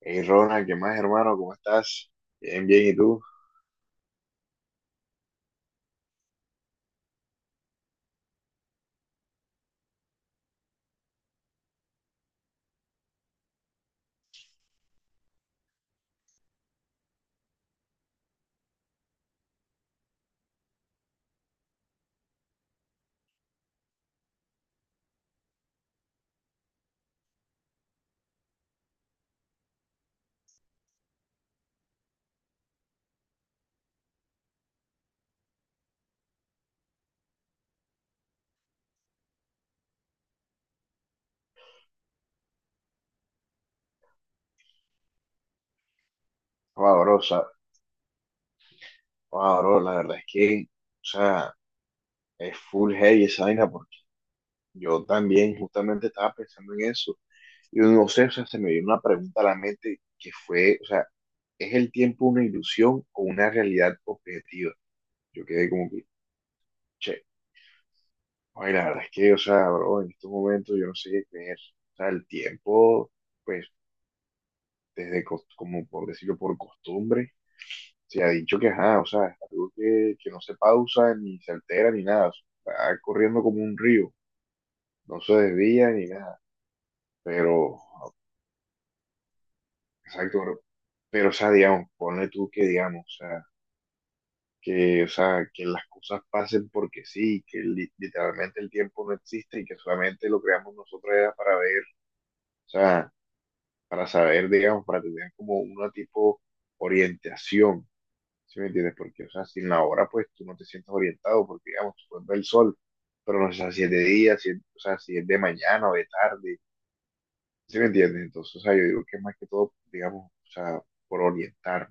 Hey Ronald, ¿qué más, hermano? ¿Cómo estás? Bien, bien, ¿y tú? Wow, bro, o sea, la verdad es que, o sea, es full heavy esa vaina, porque yo también justamente estaba pensando en eso. Y no sé, o sea, se me vino una pregunta a la mente que fue, o sea, ¿es el tiempo una ilusión o una realidad objetiva? Yo quedé como que, che, ay, la verdad es que, o sea, bro, en estos momentos yo no sé qué creer. O sea, el tiempo, pues, desde, como por decirlo, por costumbre se ha dicho que, ajá, o sea, es algo que no se pausa, ni se altera, ni nada. O sea, está corriendo como un río, no se desvía ni nada. Pero, exacto, pero, o sea, digamos, ponle tú que, digamos, o sea, que las cosas pasen porque sí, que literalmente el tiempo no existe y que solamente lo creamos nosotros era para ver, o sea, para saber, digamos, para tener como una tipo orientación. ¿Sí me entiendes? Porque, o sea, sin la hora, pues tú no te sientes orientado, porque, digamos, tú puedes ver el sol, pero no sé, si es de día, si es, o sea, si es de mañana o de tarde, ¿sí me entiendes? Entonces, o sea, yo digo que es más que todo, digamos, o sea, por orientar.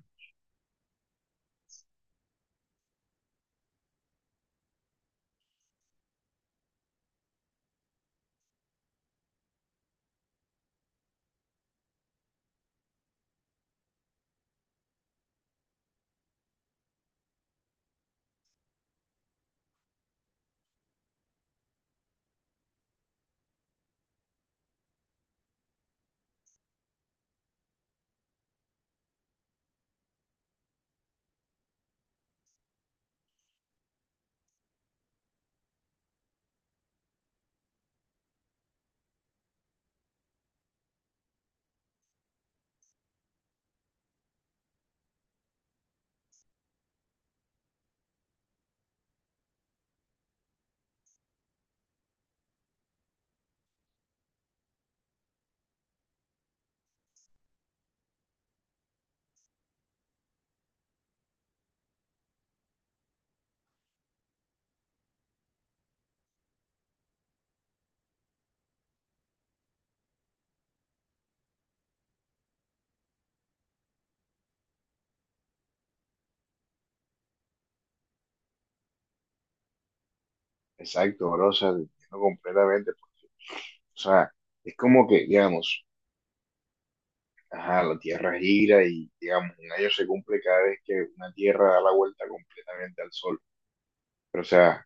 Exacto, bro, o sea, te entiendo completamente. Pues, o sea, es como que, digamos, ajá, la Tierra gira y, digamos, un año se cumple cada vez que una Tierra da la vuelta completamente al sol. Pero, o sea,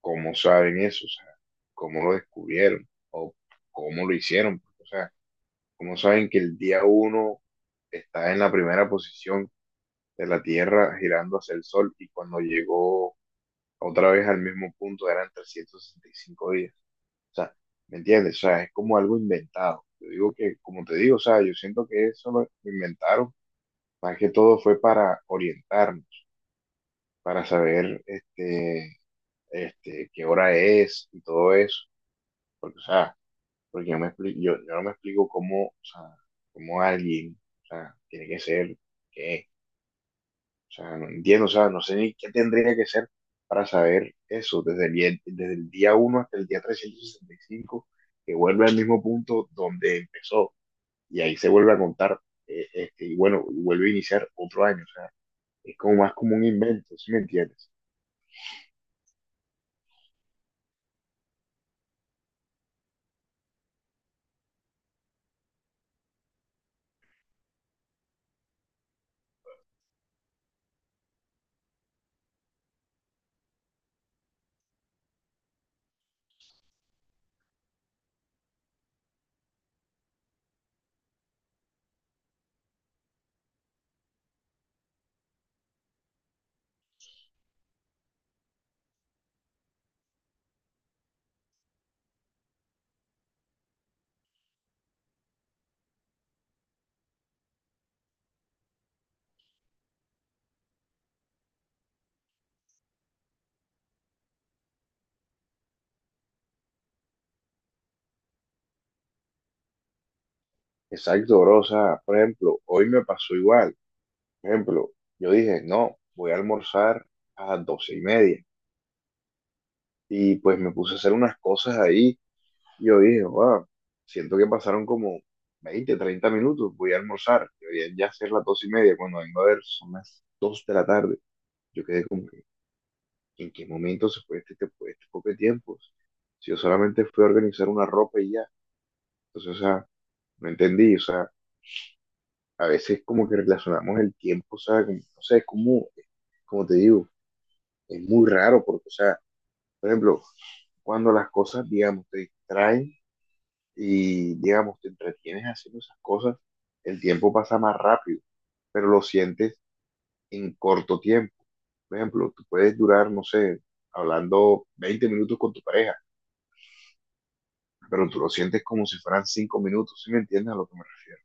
¿cómo saben eso? O sea, ¿cómo lo descubrieron? ¿O cómo lo hicieron? O sea, como saben que el día uno está en la primera posición de la Tierra girando hacia el Sol y cuando llegó otra vez al mismo punto eran 365 días. O sea, ¿me entiendes? O sea, es como algo inventado. Yo digo que, como te digo, o sea, yo siento que eso lo inventaron, más que todo fue para orientarnos, para saber qué hora es y todo eso. Porque, o sea, porque yo no me explico cómo, o sea, cómo alguien, o sea, tiene que ser, qué, o sea, no entiendo, o sea, no sé ni qué tendría que ser para saber eso, desde el día uno hasta el día 365 que vuelve al mismo punto donde empezó, y ahí se vuelve a contar, y bueno, y vuelve a iniciar otro año, o sea, es como más como un invento, ¿sí me entiendes? Exacto, bro, o sea, por ejemplo, hoy me pasó igual, por ejemplo, yo dije, no, voy a almorzar a las 12:30. Y pues me puse a hacer unas cosas ahí. Y yo dije, wow, siento que pasaron como 20 30 minutos. Voy a almorzar. Deberían ya ser las 2:30. Cuando vengo a ver, son las 2 de la tarde. Yo quedé como que, ¿en qué momento se fue este poco de tiempo? Si yo solamente fui a organizar una ropa y ya. Entonces, o sea, no entendí. O sea, a veces como que relacionamos el tiempo, o sea, no sé, es como, como te digo, es muy raro porque, o sea, por ejemplo, cuando las cosas, digamos, te distraen, y digamos, te entretienes haciendo esas cosas, el tiempo pasa más rápido, pero lo sientes en corto tiempo. Por ejemplo, tú puedes durar, no sé, hablando 20 minutos con tu pareja, pero tú lo sientes como si fueran 5 minutos, ¿sí me entiendes a lo que me refiero?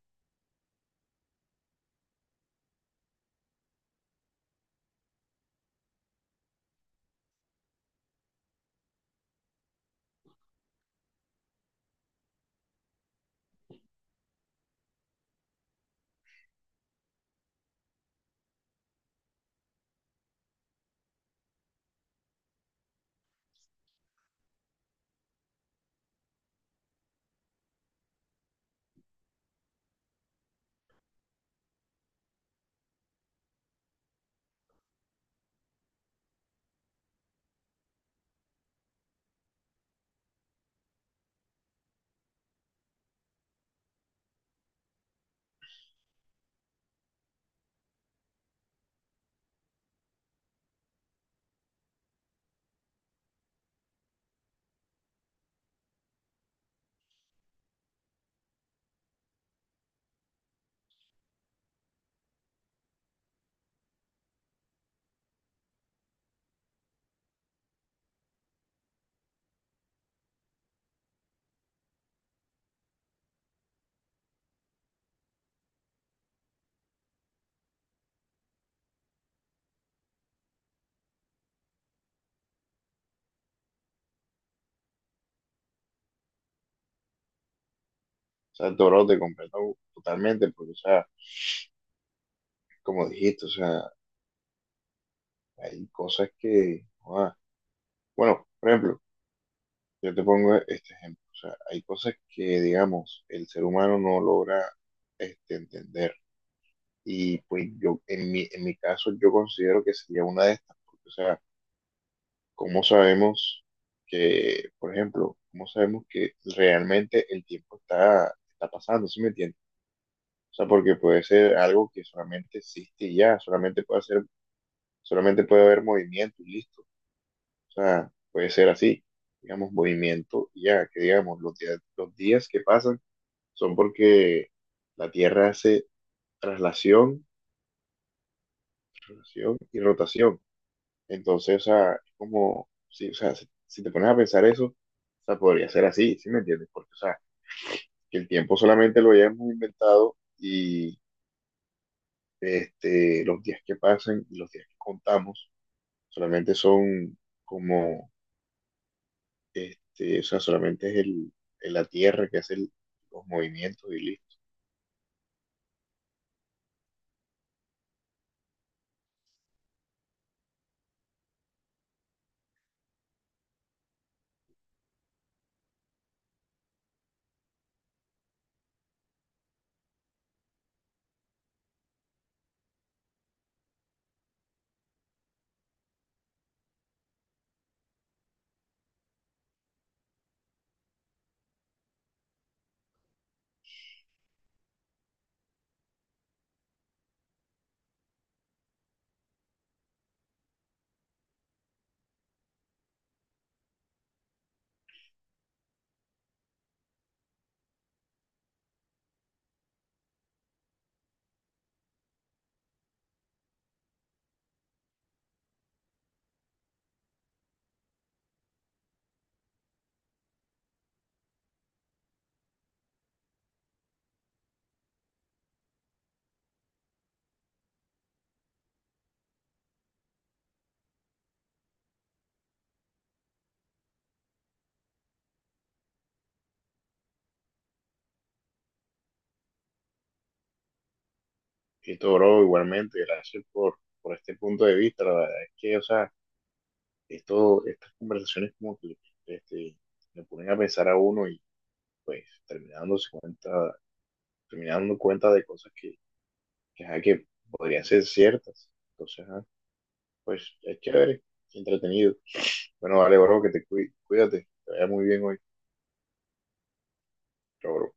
O sea, todo lo te comprendo totalmente, porque, o sea, como dijiste, o sea, hay cosas que, bueno, por ejemplo, yo te pongo este ejemplo, o sea, hay cosas que, digamos, el ser humano no logra entender. Y pues yo, en mi caso, yo considero que sería una de estas, porque, o sea, ¿cómo sabemos que, por ejemplo, cómo sabemos que realmente el tiempo está pasando, ¿sí me entiendes? O sea, porque puede ser algo que solamente existe y ya, solamente puede ser, solamente puede haber movimiento y listo. O sea, puede ser así, digamos, movimiento y ya, que digamos, los días que pasan son porque la Tierra hace traslación, traslación y rotación. Entonces, o sea, es como, sí, o sea, si te pones a pensar eso, o sea, podría ser así, ¿sí me entiendes? Porque, o sea, que el tiempo solamente lo hayamos inventado y los días que pasan y los días que contamos solamente son como, o sea, solamente es la Tierra que hace los movimientos y listo. Esto, bro, igualmente, gracias por este punto de vista. La verdad es que, o sea, esto, estas conversaciones como que, este, le ponen a pensar a uno pues termina dándose cuenta, terminando dando cuenta de cosas que, ajá, que podrían ser ciertas. Entonces, ajá, pues es chévere, entretenido. Bueno, vale, bro, que te cuide, cuídate, te vaya muy bien hoy. Chao, bro.